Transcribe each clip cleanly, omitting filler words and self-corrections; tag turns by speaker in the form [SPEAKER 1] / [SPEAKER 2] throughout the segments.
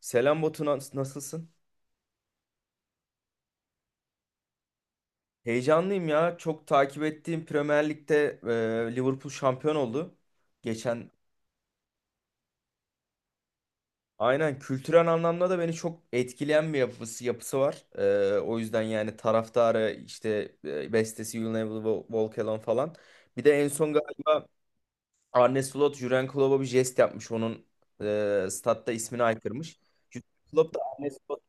[SPEAKER 1] Selam Batu, nasılsın? Heyecanlıyım ya. Çok takip ettiğim Premier Lig'de Liverpool şampiyon oldu. Geçen aynen kültürel anlamda da beni çok etkileyen bir yapısı var. O yüzden yani taraftarı işte bestesi You'll Never Walk Alone falan. Bir de en son galiba Arne Slot Jürgen Klopp'a bir jest yapmış. Onun statta ismini aykırmış. Jürgen Klopp da Arne Slot.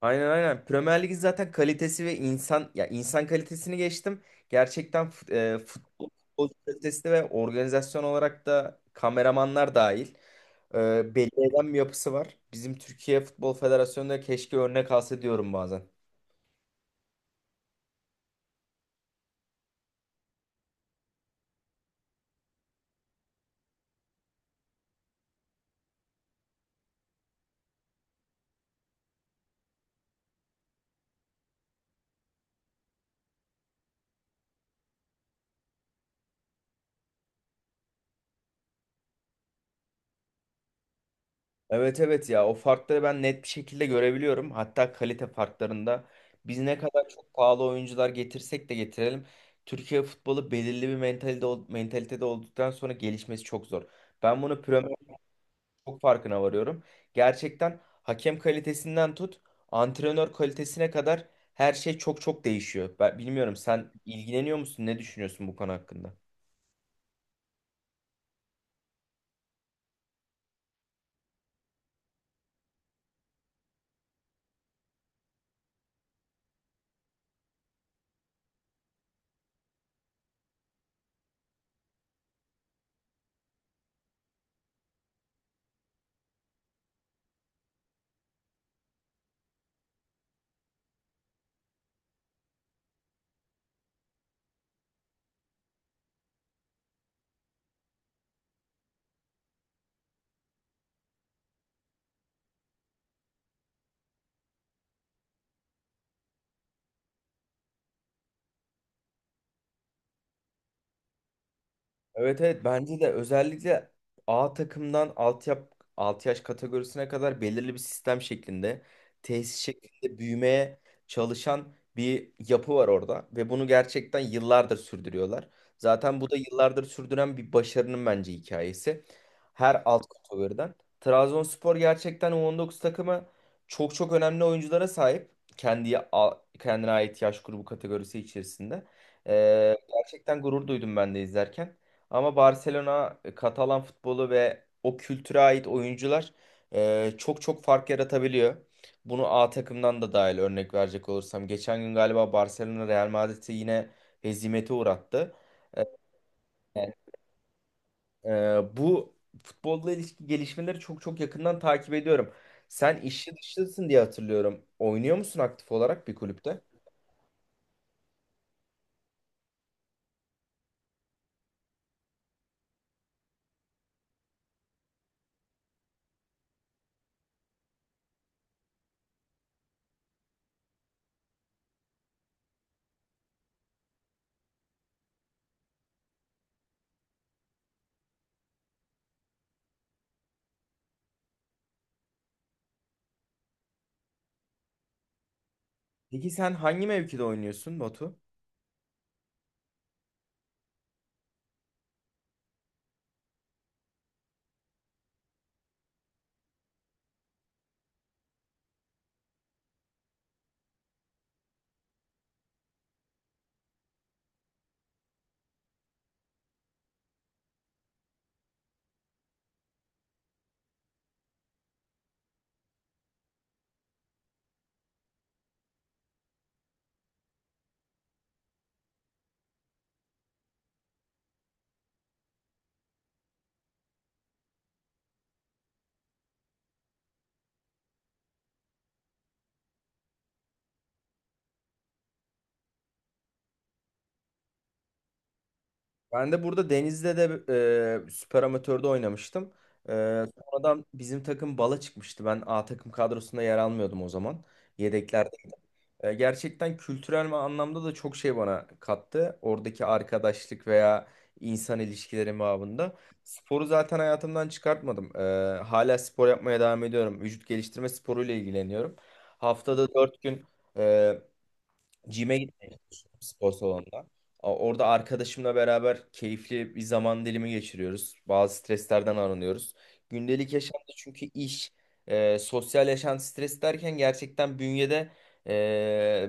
[SPEAKER 1] Aynen aynen. Premier Lig'in zaten kalitesi ve insan ya insan kalitesini geçtim. Gerçekten futbol kalitesi ve organizasyon olarak da kameramanlar dahil belli eden bir yapısı var. Bizim Türkiye Futbol Federasyonu'nda keşke örnek alsa diyorum bazen. Evet evet, ya o farkları ben net bir şekilde görebiliyorum. Hatta kalite farklarında biz ne kadar çok pahalı oyuncular getirsek de getirelim. Türkiye futbolu belirli bir mentalde, mentalitede olduktan sonra gelişmesi çok zor. Ben bunu Premier çok farkına varıyorum. Gerçekten hakem kalitesinden tut, antrenör kalitesine kadar her şey çok çok değişiyor. Ben bilmiyorum, sen ilgileniyor musun? Ne düşünüyorsun bu konu hakkında? Evet evet, bence de özellikle A takımdan alt yaş kategorisine kadar belirli bir sistem şeklinde, tesis şeklinde büyümeye çalışan bir yapı var orada ve bunu gerçekten yıllardır sürdürüyorlar. Zaten bu da yıllardır sürdüren bir başarının bence hikayesi. Her alt kategoriden. Trabzonspor gerçekten U19 takımı çok çok önemli oyunculara sahip. Kendi, kendine ait yaş grubu kategorisi içerisinde. Gerçekten gurur duydum ben de izlerken. Ama Barcelona Katalan futbolu ve o kültüre ait oyuncular çok çok fark yaratabiliyor. Bunu A takımdan da dahil örnek verecek olursam. Geçen gün galiba Barcelona Real Madrid'i yine hezimete uğrattı. E, bu futbolla ilişki gelişmeleri çok çok yakından takip ediyorum. Sen işçi dışısın diye hatırlıyorum. Oynuyor musun aktif olarak bir kulüpte? Peki sen hangi mevkide oynuyorsun Batu? Ben de burada Deniz'de de süper amatörde oynamıştım. E, Sonradan bizim takım bala çıkmıştı. Ben A takım kadrosunda yer almıyordum o zaman. Yedeklerde. Gerçekten kültürel anlamda da çok şey bana kattı. Oradaki arkadaşlık veya insan ilişkileri babında. Sporu zaten hayatımdan çıkartmadım. Hala spor yapmaya devam ediyorum. Vücut geliştirme sporuyla ilgileniyorum. Haftada 4 gün Gym'e gitmeyi düşünüyorum, spor salonunda. Orada arkadaşımla beraber keyifli bir zaman dilimi geçiriyoruz. Bazı streslerden arınıyoruz. Gündelik yaşamda çünkü iş, sosyal yaşam stres derken gerçekten bünyede e,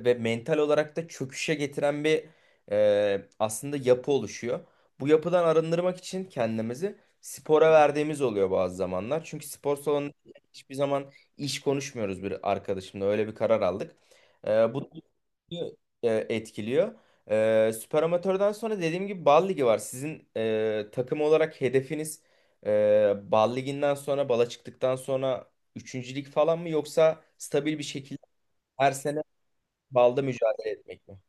[SPEAKER 1] ve mental olarak da çöküşe getiren bir aslında yapı oluşuyor. Bu yapıdan arındırmak için kendimizi spora verdiğimiz oluyor bazı zamanlar. Çünkü spor salonunda hiçbir zaman iş konuşmuyoruz bir arkadaşımla. Öyle bir karar aldık. Bu e, etkiliyor. Süper Amatör'den sonra dediğim gibi Bal Ligi var. Sizin takım olarak hedefiniz Bal Ligi'nden sonra, Bal'a çıktıktan sonra üçüncülük falan mı, yoksa stabil bir şekilde her sene Bal'da mücadele etmek mi?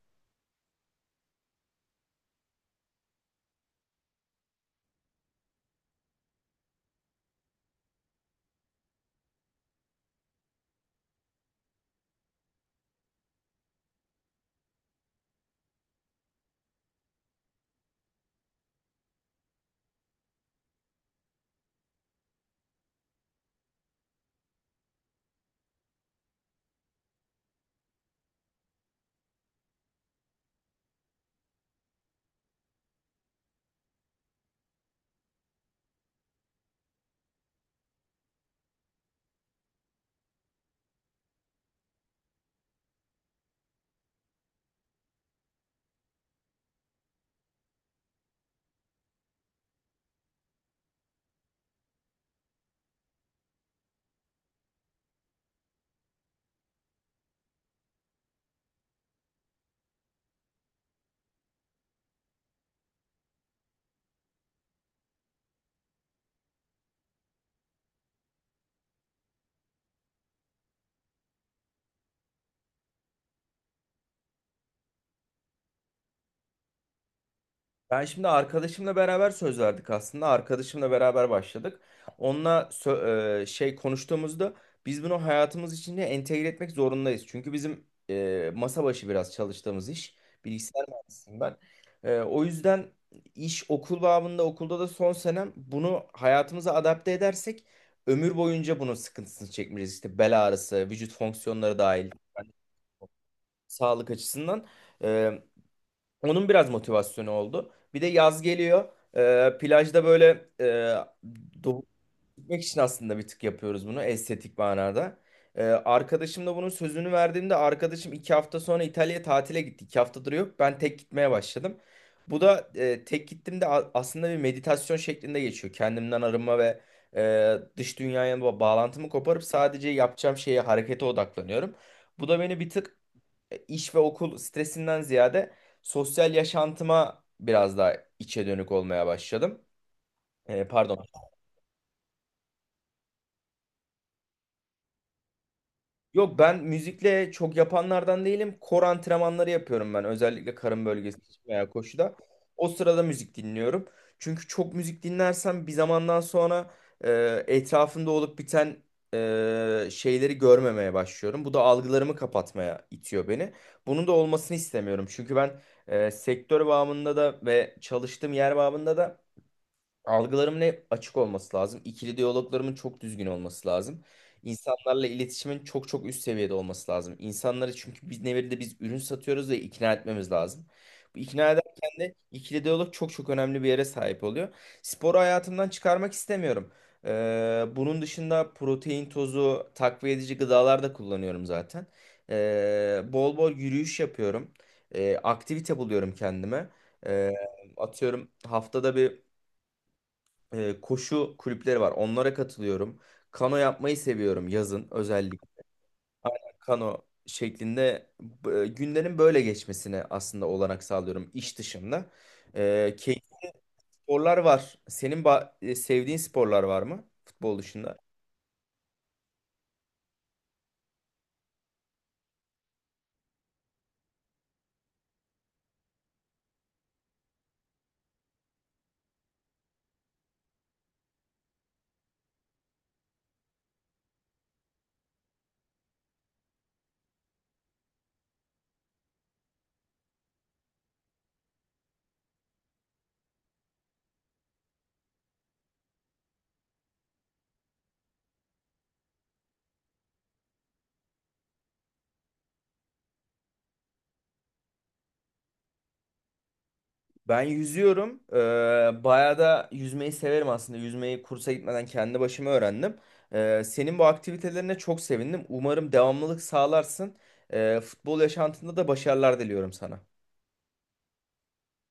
[SPEAKER 1] Ben şimdi arkadaşımla beraber söz verdik aslında. Arkadaşımla beraber başladık. Onunla konuştuğumuzda biz bunu hayatımız içinde entegre etmek zorundayız. Çünkü bizim masa başı biraz çalıştığımız iş. Bilgisayar mühendisiyim ben. O yüzden iş okul babında, okulda da son senem bunu hayatımıza adapte edersek ömür boyunca bunun sıkıntısını çekmeyeceğiz. İşte bel ağrısı, vücut fonksiyonları dahil, yani sağlık açısından. E, Onun biraz motivasyonu oldu. Bir de yaz geliyor. Plajda böyle doğu gitmek için aslında bir tık yapıyoruz bunu, estetik manada. Arkadaşım da bunun sözünü verdiğimde arkadaşım 2 hafta sonra İtalya'ya tatile gitti. 2 haftadır yok. Ben tek gitmeye başladım. Bu da tek gittiğimde aslında bir meditasyon şeklinde geçiyor. Kendimden arınma ve dış dünyaya bağlantımı koparıp sadece yapacağım şeye, harekete odaklanıyorum. Bu da beni bir tık iş ve okul stresinden ziyade sosyal yaşantıma biraz daha içe dönük olmaya başladım. Pardon. Yok, ben müzikle çok yapanlardan değilim. Kor antrenmanları yapıyorum ben, özellikle karın bölgesi için veya koşuda. O sırada müzik dinliyorum. Çünkü çok müzik dinlersem bir zamandan sonra etrafımda olup biten şeyleri görmemeye başlıyorum. Bu da algılarımı kapatmaya itiyor beni. Bunun da olmasını istemiyorum. Çünkü ben sektör bağımında da ve çalıştığım yer bağımında da algılarımın hep açık olması lazım. İkili diyaloglarımın çok düzgün olması lazım. İnsanlarla iletişimin çok çok üst seviyede olması lazım. İnsanları, çünkü biz nevirde biz ürün satıyoruz ve ikna etmemiz lazım. Bu ikna ederken de ikili diyalog çok çok önemli bir yere sahip oluyor. Sporu hayatımdan çıkarmak istemiyorum. Bunun dışında protein tozu, takviye edici gıdalar da kullanıyorum zaten. Bol bol yürüyüş yapıyorum. Aktivite buluyorum kendime. Ee, Atıyorum, haftada bir koşu kulüpleri var. Onlara katılıyorum. Kano yapmayı seviyorum yazın özellikle. Kano şeklinde günlerin böyle geçmesine aslında olanak sağlıyorum iş dışında. Keyif sporlar var. Senin sevdiğin sporlar var mı futbol dışında? Ben yüzüyorum. Bayağı da yüzmeyi severim aslında. Yüzmeyi kursa gitmeden kendi başıma öğrendim. Senin bu aktivitelerine çok sevindim. Umarım devamlılık sağlarsın. Futbol yaşantında da başarılar diliyorum sana.